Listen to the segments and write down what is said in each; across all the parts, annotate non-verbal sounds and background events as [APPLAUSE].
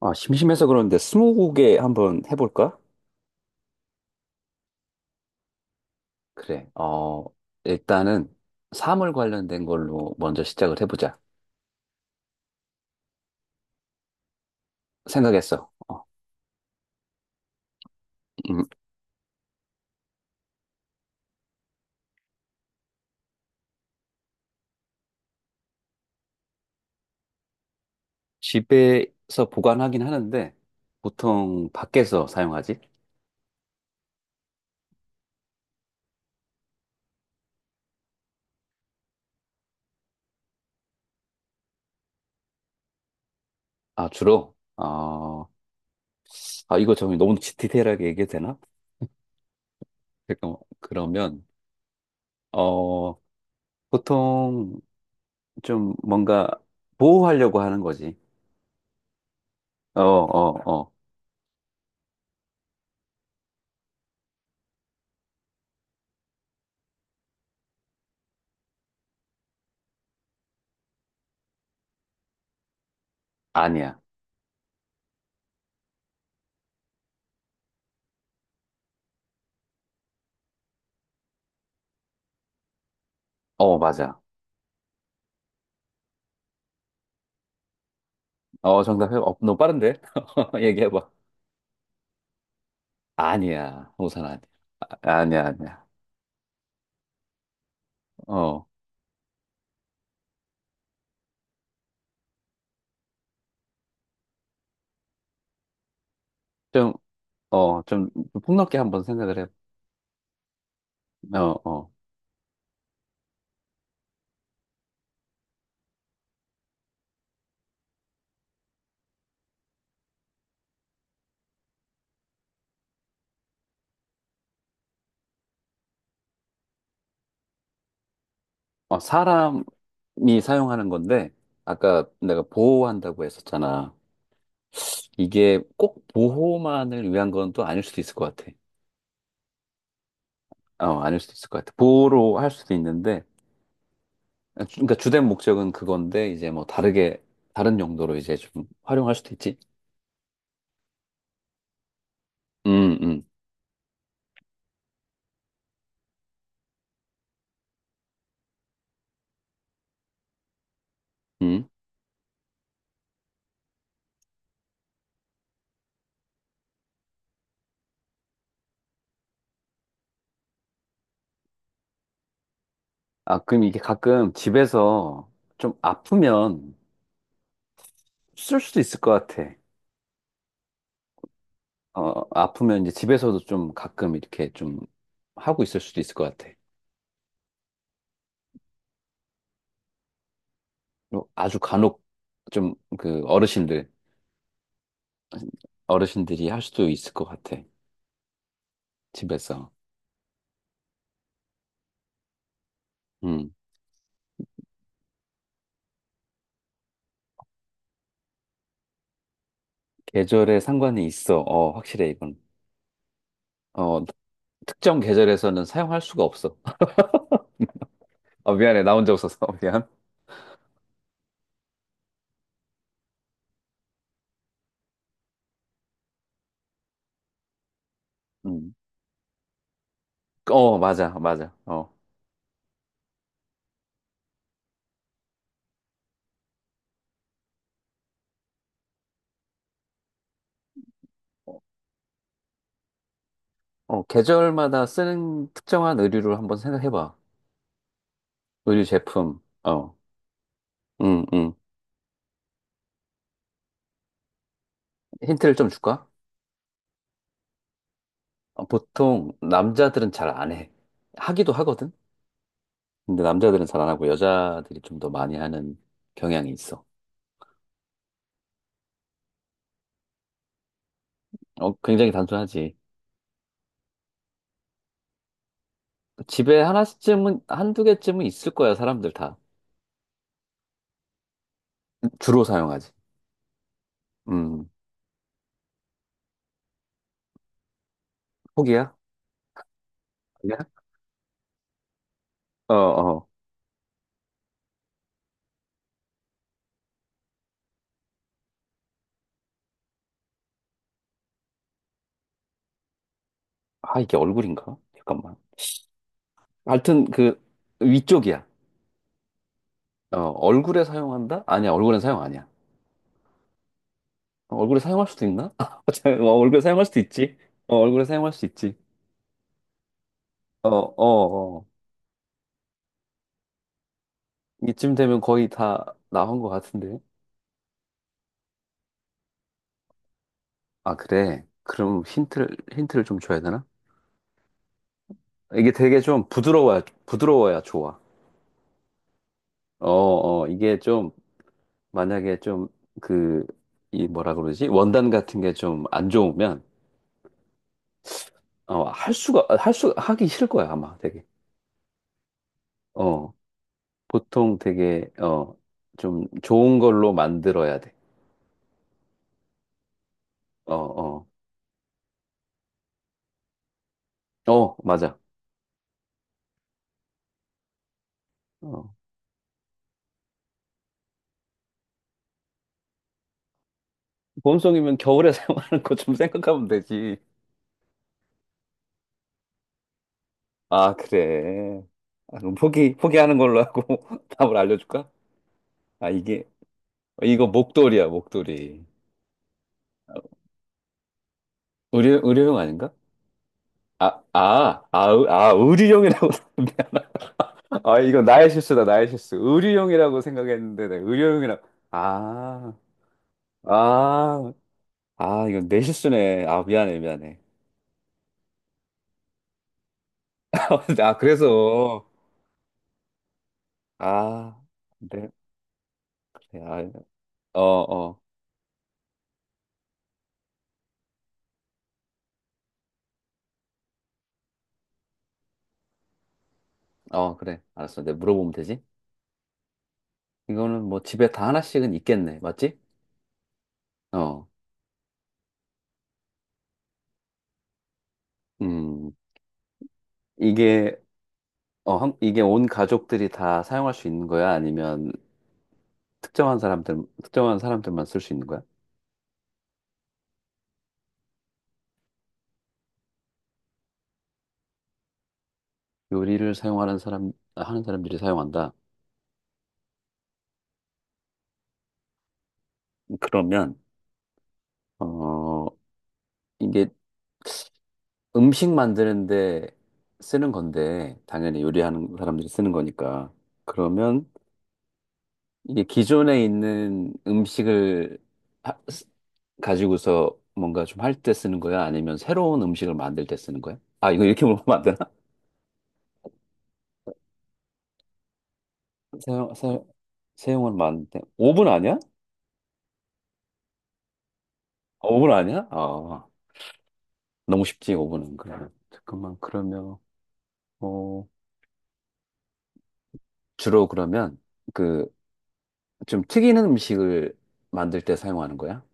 아, 심심해서 그러는데 스무고개 한번 해볼까? 그래. 일단은 사물 관련된 걸로 먼저 시작을 해보자. 생각했어. 음, 집에서 보관하긴 하는데 보통 밖에서 사용하지? 아, 주로? 어, 아, 이거 정말 너무 디테일하게 얘기해도 되나? 잠깐만. 그러면 어, 보통 좀 뭔가 보호하려고 하는 거지. 어, 어, 어. 아니야. 어, 맞아. 어, 정답해. 어, 너무 빠른데? [LAUGHS] 얘기해봐. 아니야. 우선 아니야. 아, 아니야, 아니야. 어. 좀, 좀 폭넓게 한번 생각을 해. 어, 어. 어, 사람이 사용하는 건데, 아까 내가 보호한다고 했었잖아. 이게 꼭 보호만을 위한 건 또 아닐 수도 있을 것 같아. 어, 아닐 수도 있을 것 같아. 보호로 할 수도 있는데, 그러니까 주된 목적은 그건데, 이제 뭐 다르게, 다른 용도로 이제 좀 활용할 수도 있지. 음, 음, 음. 아, 그럼 이게 가끔 집에서 좀 아프면, 쓸 수도 있을 것 같아. 어, 아프면 이제 집에서도 좀 가끔 이렇게 좀 하고 있을 수도 있을 것 같아. 뭐 아주 간혹 좀 그 어르신들, 어르신들이 할 수도 있을 것 같아. 집에서. 음, 계절에 상관이 있어. 어, 확실해, 이건. 어, 특정 계절에서는 사용할 수가 없어. [LAUGHS] 어, 미안해. 나 혼자 없어서. [LAUGHS] 미안. 음. 어, 맞아, 맞아. 어. 어, 계절마다 쓰는 특정한 의류를 한번 생각해봐. 의류 제품. 어. 음, 음. 힌트를 좀 줄까? 어, 보통 남자들은 잘 안 해. 하기도 하거든? 근데 남자들은 잘 안 하고 여자들이 좀 더 많이 하는 경향이 있어. 어, 굉장히 단순하지. 집에 하나쯤은, 한두 개쯤은 있을 거야, 사람들 다. 주로 사용하지. 음, 포기야? 아니야? 어, 어. 아, 이게 얼굴인가? 잠깐만. 하여튼 그 위쪽이야. 어, 얼굴에 사용한다? 아니야, 얼굴엔 사용 아니야. 어, 얼굴에 사용할 수도 있나? [LAUGHS] 어, 얼굴에 사용할 수도 있지. 어, 얼굴에 사용할 수 있지. 어, 어, 어. 이쯤 되면 거의 다 나온 것 같은데. 아, 그래. 그럼 힌트를, 힌트를 좀 줘야 되나? 이게 되게 좀 부드러워야, 부드러워야 좋아. 어, 어, 이게 좀, 만약에 좀, 그, 이 뭐라 그러지? 원단 같은 게 좀 안 좋으면, 어, 할 수가, 할 수, 하기 싫을 거야, 아마 되게. 어, 보통 되게, 어, 좀 좋은 걸로 만들어야 돼. 어, 어, 어, 맞아. 어. 봄송이면 겨울에 [LAUGHS] 사용하는 거 좀 생각하면 되지. 아, 그래. 아, 그럼 포기, 포기하는 걸로 하고 [LAUGHS] 답을 알려줄까? 아, 이게, 이거 목도리야, 목도리. 의료, 의료용 아닌가? 아, 의료용이라고. [LAUGHS] 미안하다. 아, 이거 나의 실수다, 나의 실수. 의료용이라고 생각했는데, 내 의료용이라고. 아, 아, 아, 이건 내 실수네. 아, 미안해, 미안해. [LAUGHS] 아, 그래서, 아, 그래, 그래, 아, 어, 어, 어, 그래. 알았어. 내가 물어보면 되지? 이거는 뭐 집에 다 하나씩은 있겠네. 맞지? 어, 음, 이게, 이게 온 가족들이 다 사용할 수 있는 거야? 아니면 특정한 사람들, 특정한 사람들만 쓸 수 있는 거야? 요리를 사용하는 사람, 하는 사람들이 사용한다. 그러면, 어, 이게 음식 만드는데 쓰는 건데, 당연히 요리하는 사람들이 쓰는 거니까. 그러면 이게 기존에 있는 음식을 하- 쓰- 가지고서 뭔가 좀 할 때 쓰는 거야? 아니면 새로운 음식을 만들 때 쓰는 거야? 아, 이거 이렇게 물어보면 안 되나? 사용, 사용, 사용은 많은데. 5분 아니야? 어, 5분 아니야? 아, 너무 쉽지, 5분은 그러면. 잠깐만, 그러면, 어, 주로 그러면, 그, 좀 튀기는 음식을 만들 때 사용하는 거야?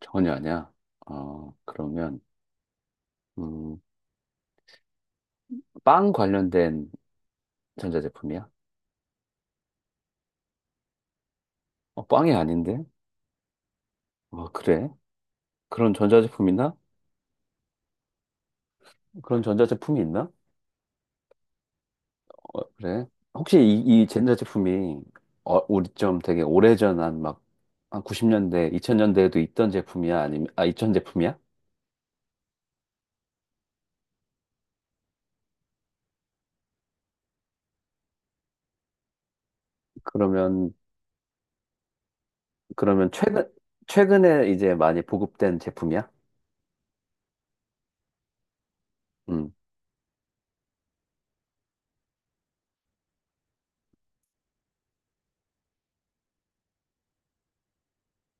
전혀 아니야. 어, 그러면, 음, 빵 관련된 전자제품이야? 어, 빵이 아닌데? 어, 그래? 그런 전자제품 있나? 그런 전자제품이 있나? 어, 그래? 혹시 이 젠자 제품이 어, 우리 좀 되게 오래전 한 막, 한 90년대, 2000년대에도 있던 제품이야? 아니면, 아, 2000 제품이야? 그러면, 그러면 최근, 최근에 이제 많이 보급된 제품이야? 음.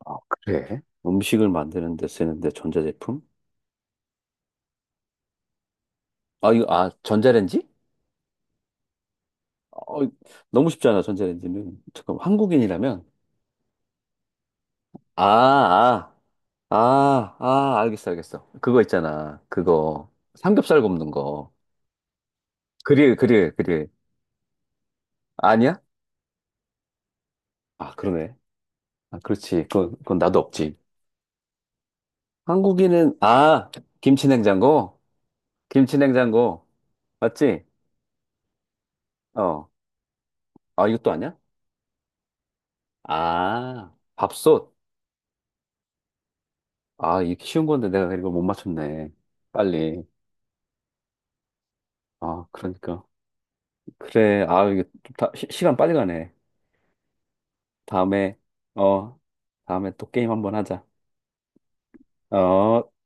아, 그래? 음식을 만드는 데 쓰는데 전자제품? 아, 이거, 아, 전자레인지? 어, 너무 쉽잖아, 전자레인지는. 잠깐, 한국인이라면? 아, 아, 아, 알겠어, 알겠어. 그거 있잖아. 그거. 삼겹살 굽는 거. 그릴. 아니야? 아, 그러네. 아, 그렇지. 그건, 그건 나도 없지. 한국인은, 아, 김치냉장고? 김치냉장고. 맞지? 어. 아, 이것도 아니야? 아, 밥솥. 아, 이게 쉬운 건데 내가 이걸 못 맞췄네. 빨리. 아, 그러니까. 그래. 아, 이게 좀 시간 빨리 가네. 다음에, 어, 다음에 또 게임 한번 하자. 어.